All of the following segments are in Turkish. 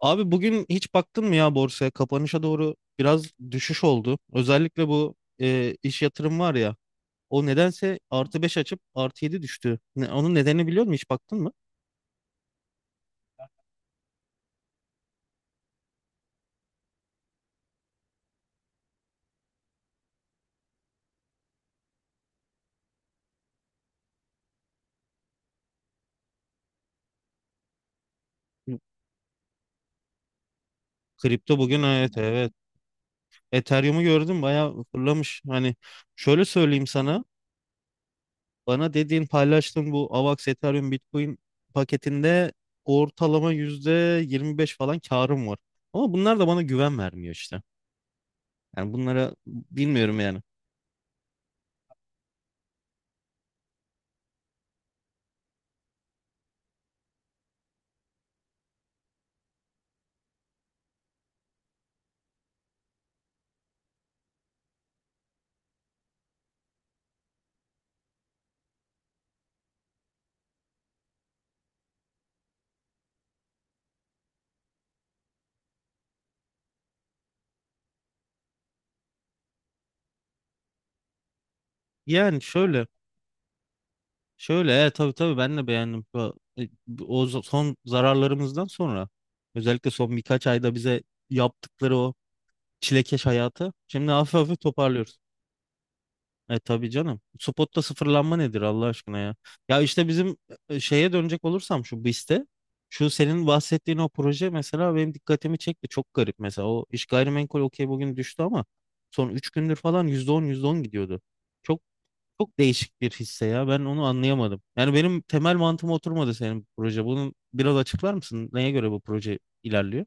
Abi bugün hiç baktın mı ya borsaya? Kapanışa doğru biraz düşüş oldu. Özellikle bu iş yatırım var ya. O nedense artı 5 açıp artı 7 düştü. Onun nedenini biliyor musun? Hiç baktın mı? Kripto bugün, evet evet. Ethereum'u gördüm bayağı fırlamış. Hani şöyle söyleyeyim sana. Bana dediğin paylaştığın bu AVAX, Ethereum, Bitcoin paketinde ortalama %25 falan karım var. Ama bunlar da bana güven vermiyor işte. Yani bunlara bilmiyorum yani. Yani, şöyle, tabii tabii, ben de beğendim. Son zararlarımızdan sonra özellikle son birkaç ayda bize yaptıkları o çilekeş hayatı şimdi hafif hafif toparlıyoruz. E tabii canım. Spotta sıfırlanma nedir Allah aşkına ya? Ya işte bizim, şeye dönecek olursam şu BIST'e, şu senin bahsettiğin o proje mesela benim dikkatimi çekti. Çok garip, mesela o iş gayrimenkul okey, bugün düştü ama son 3 gündür falan yüzde on, yüzde on gidiyordu. Çok çok değişik bir hisse ya. Ben onu anlayamadım. Yani benim temel mantığıma oturmadı senin proje. Bunu biraz açıklar mısın? Neye göre bu proje ilerliyor?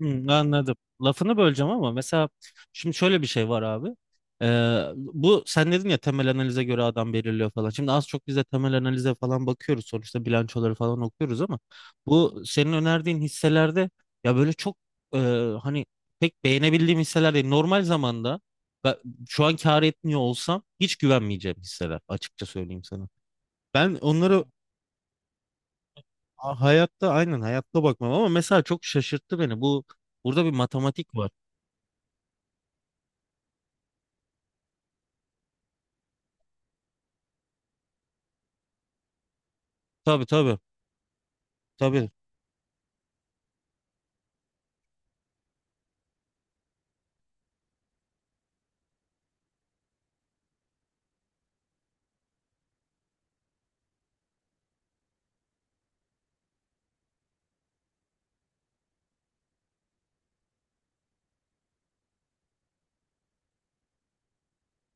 Hmm, anladım. Lafını böleceğim ama mesela şimdi şöyle bir şey var abi. Bu sen dedin ya, temel analize göre adam belirliyor falan. Şimdi az çok biz de temel analize falan bakıyoruz. Sonuçta bilançoları falan okuyoruz ama bu senin önerdiğin hisselerde ya böyle çok, e, hani pek beğenebildiğim hisseler değil. Normal zamanda ben şu an kâr etmiyor olsam hiç güvenmeyeceğim hisseler, açıkça söyleyeyim sana. Ben onları hayatta, aynen hayatta bakmam, ama mesela çok şaşırttı beni. Burada bir matematik var. Tabii tabii. Tabii.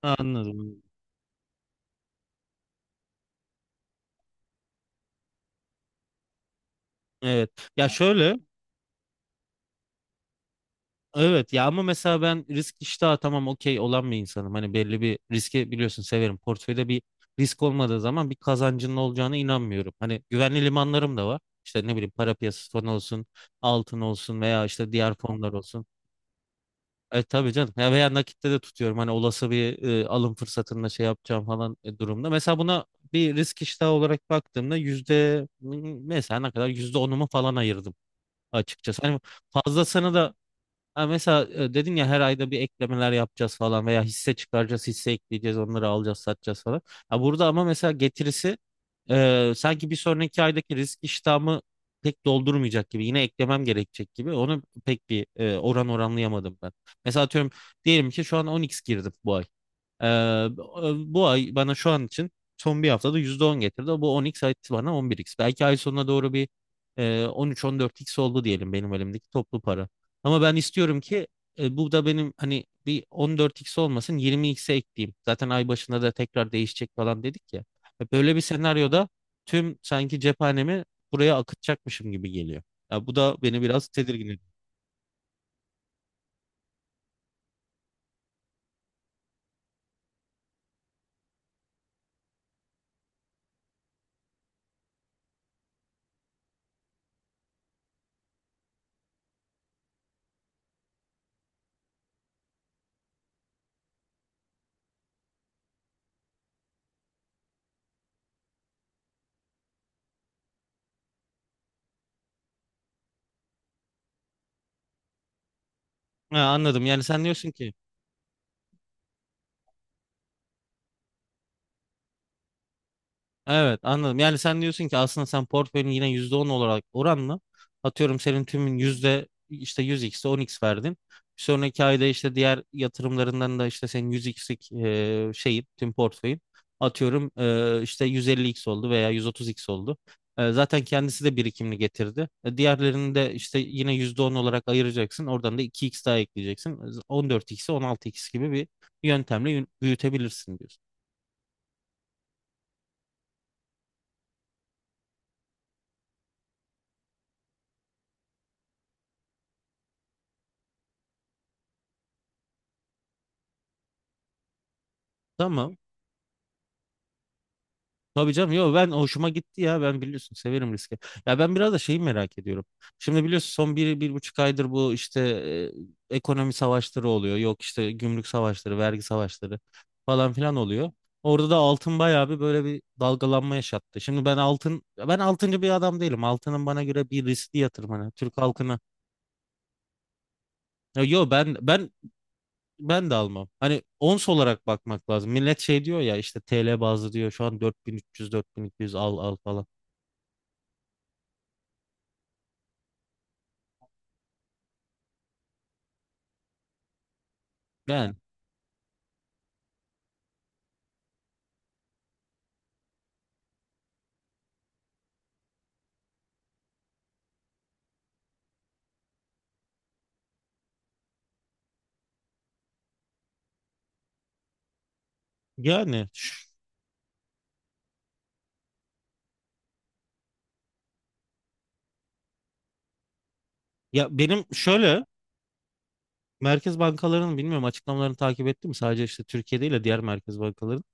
Anladım. Evet. Ya şöyle. Evet ya, ama mesela ben risk iştahı tamam, okey olan bir insanım. Hani belli bir riski biliyorsun severim. Portföyde bir risk olmadığı zaman bir kazancının olacağına inanmıyorum. Hani güvenli limanlarım da var. İşte ne bileyim, para piyasası fonu olsun, altın olsun veya işte diğer fonlar olsun. E tabii canım. Ya veya nakitte de tutuyorum. Hani olası bir alım fırsatında şey yapacağım falan durumda. Mesela buna bir risk iştahı olarak baktığımda yüzde mesela ne kadar, yüzde onumu falan ayırdım açıkçası. Hani fazlasını da, ha mesela dedin ya, her ayda bir eklemeler yapacağız falan veya hisse çıkaracağız, hisse ekleyeceğiz, onları alacağız, satacağız falan. Ha burada ama mesela getirisi sanki bir sonraki aydaki risk iştahımı pek doldurmayacak gibi. Yine eklemem gerekecek gibi. Onu pek bir oranlayamadım ben. Mesela atıyorum, diyelim ki şu an 10x girdim bu ay. Ee, Bu ay bana şu an için son bir haftada %10 getirdi. Bu on x etti bana, on bir x. Belki ay sonuna doğru bir on üç, on dört x oldu diyelim benim elimdeki toplu para. Ama ben istiyorum ki bu da benim hani bir on dört x olmasın, yirmi xe ekleyeyim. Zaten ay başında da tekrar değişecek falan dedik ya. Böyle bir senaryoda tüm sanki cephanemi buraya akıtacakmışım gibi geliyor. Ya bu da beni biraz tedirgin ediyor. Ha, anladım. Yani sen diyorsun ki Evet, anladım. Yani sen diyorsun ki aslında sen portföyün yine %10 olarak oranla, atıyorum senin tümün yüzde işte 100x'e on x verdin. Bir sonraki ayda işte diğer yatırımlarından da işte senin yüz xlik şeyin tüm portföyün, atıyorum işte yüz elli x oldu veya yüz otuz x oldu. Zaten kendisi de birikimini getirdi. Diğerlerini de işte yine %10 olarak ayıracaksın. Oradan da iki x daha ekleyeceksin. 14, on altı x gibi bir yöntemle büyütebilirsin diyorsun. Tamam. Tabii canım, yok ben hoşuma gitti ya, ben biliyorsun severim riski. Ya ben biraz da şeyi merak ediyorum. Şimdi biliyorsun son bir, bir buçuk aydır bu işte ekonomi savaşları oluyor. Yok işte, gümrük savaşları, vergi savaşları falan filan oluyor. Orada da altın bayağı bir böyle bir dalgalanma yaşattı. Şimdi ben altıncı bir adam değilim. Altının bana göre bir riskli yatırım, hani Türk halkına. Ya yo, ben de almam. Hani ons olarak bakmak lazım. Millet şey diyor ya, işte TL bazlı diyor, şu an 4300, 4200 al al falan. Yani. Yani ş- ya benim şöyle, merkez bankalarının bilmiyorum açıklamalarını takip ettim sadece, işte Türkiye değil de diğer merkez bankaların.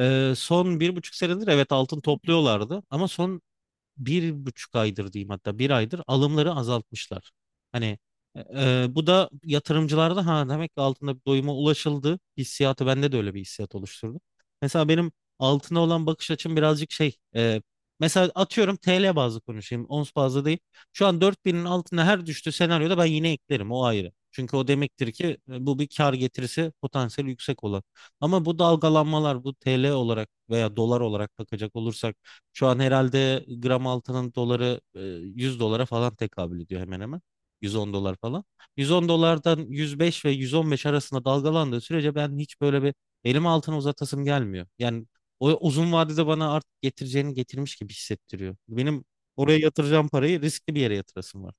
Son bir buçuk senedir evet altın topluyorlardı, ama son bir buçuk aydır diyeyim, hatta bir aydır alımları azaltmışlar. Hani, e, bu da yatırımcılarda, ha demek ki altında bir doyuma ulaşıldı hissiyatı, bende de öyle bir hissiyat oluşturdu. Mesela benim altına olan bakış açım birazcık şey, mesela atıyorum TL bazlı konuşayım, ons bazlı değil. Şu an 4.000'in altına her düştüğü senaryoda ben yine eklerim, o ayrı. Çünkü o demektir ki bu bir kar getirisi potansiyeli yüksek olan. Ama bu dalgalanmalar, bu TL olarak veya dolar olarak bakacak olursak, şu an herhalde gram altının doları 100 dolara falan tekabül ediyor hemen hemen. 110 dolar falan. 110 dolardan 105 ve 115 arasında dalgalandığı sürece ben hiç böyle bir elimi altına uzatasım gelmiyor. Yani o uzun vadede bana artık getireceğini getirmiş gibi hissettiriyor. Benim oraya yatıracağım parayı riskli bir yere yatırasım var.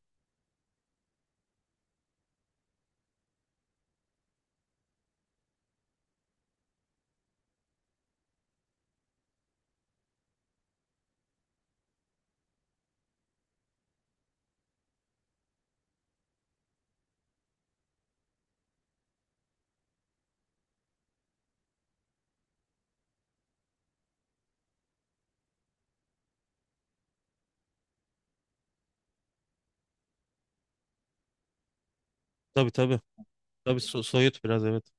Tabii tabii. Tabii, soyut biraz, evet.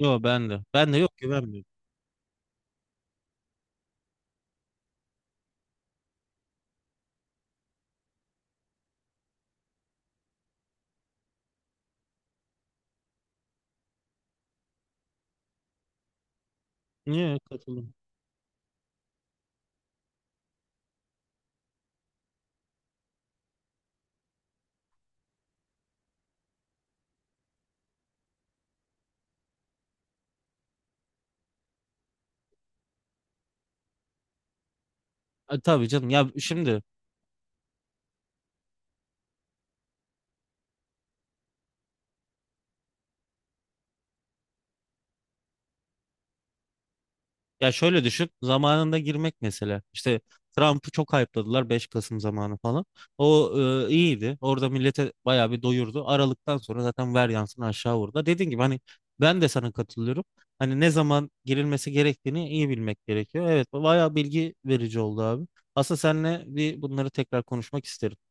Yok ben de. Ben de yok, güvenmiyorum. Niye katıldım? Tabii canım ya şimdi. Ya şöyle düşün, zamanında girmek mesela. İşte Trump'ı çok hype'ladılar, 5 Kasım zamanı falan. O, iyiydi. Orada millete bayağı bir doyurdu. Aralıktan sonra zaten ver yansın aşağı vurdu. Dediğim gibi, hani ben de sana katılıyorum. Hani ne zaman girilmesi gerektiğini iyi bilmek gerekiyor. Evet, bayağı bilgi verici oldu abi. Aslında seninle bir bunları tekrar konuşmak isterim.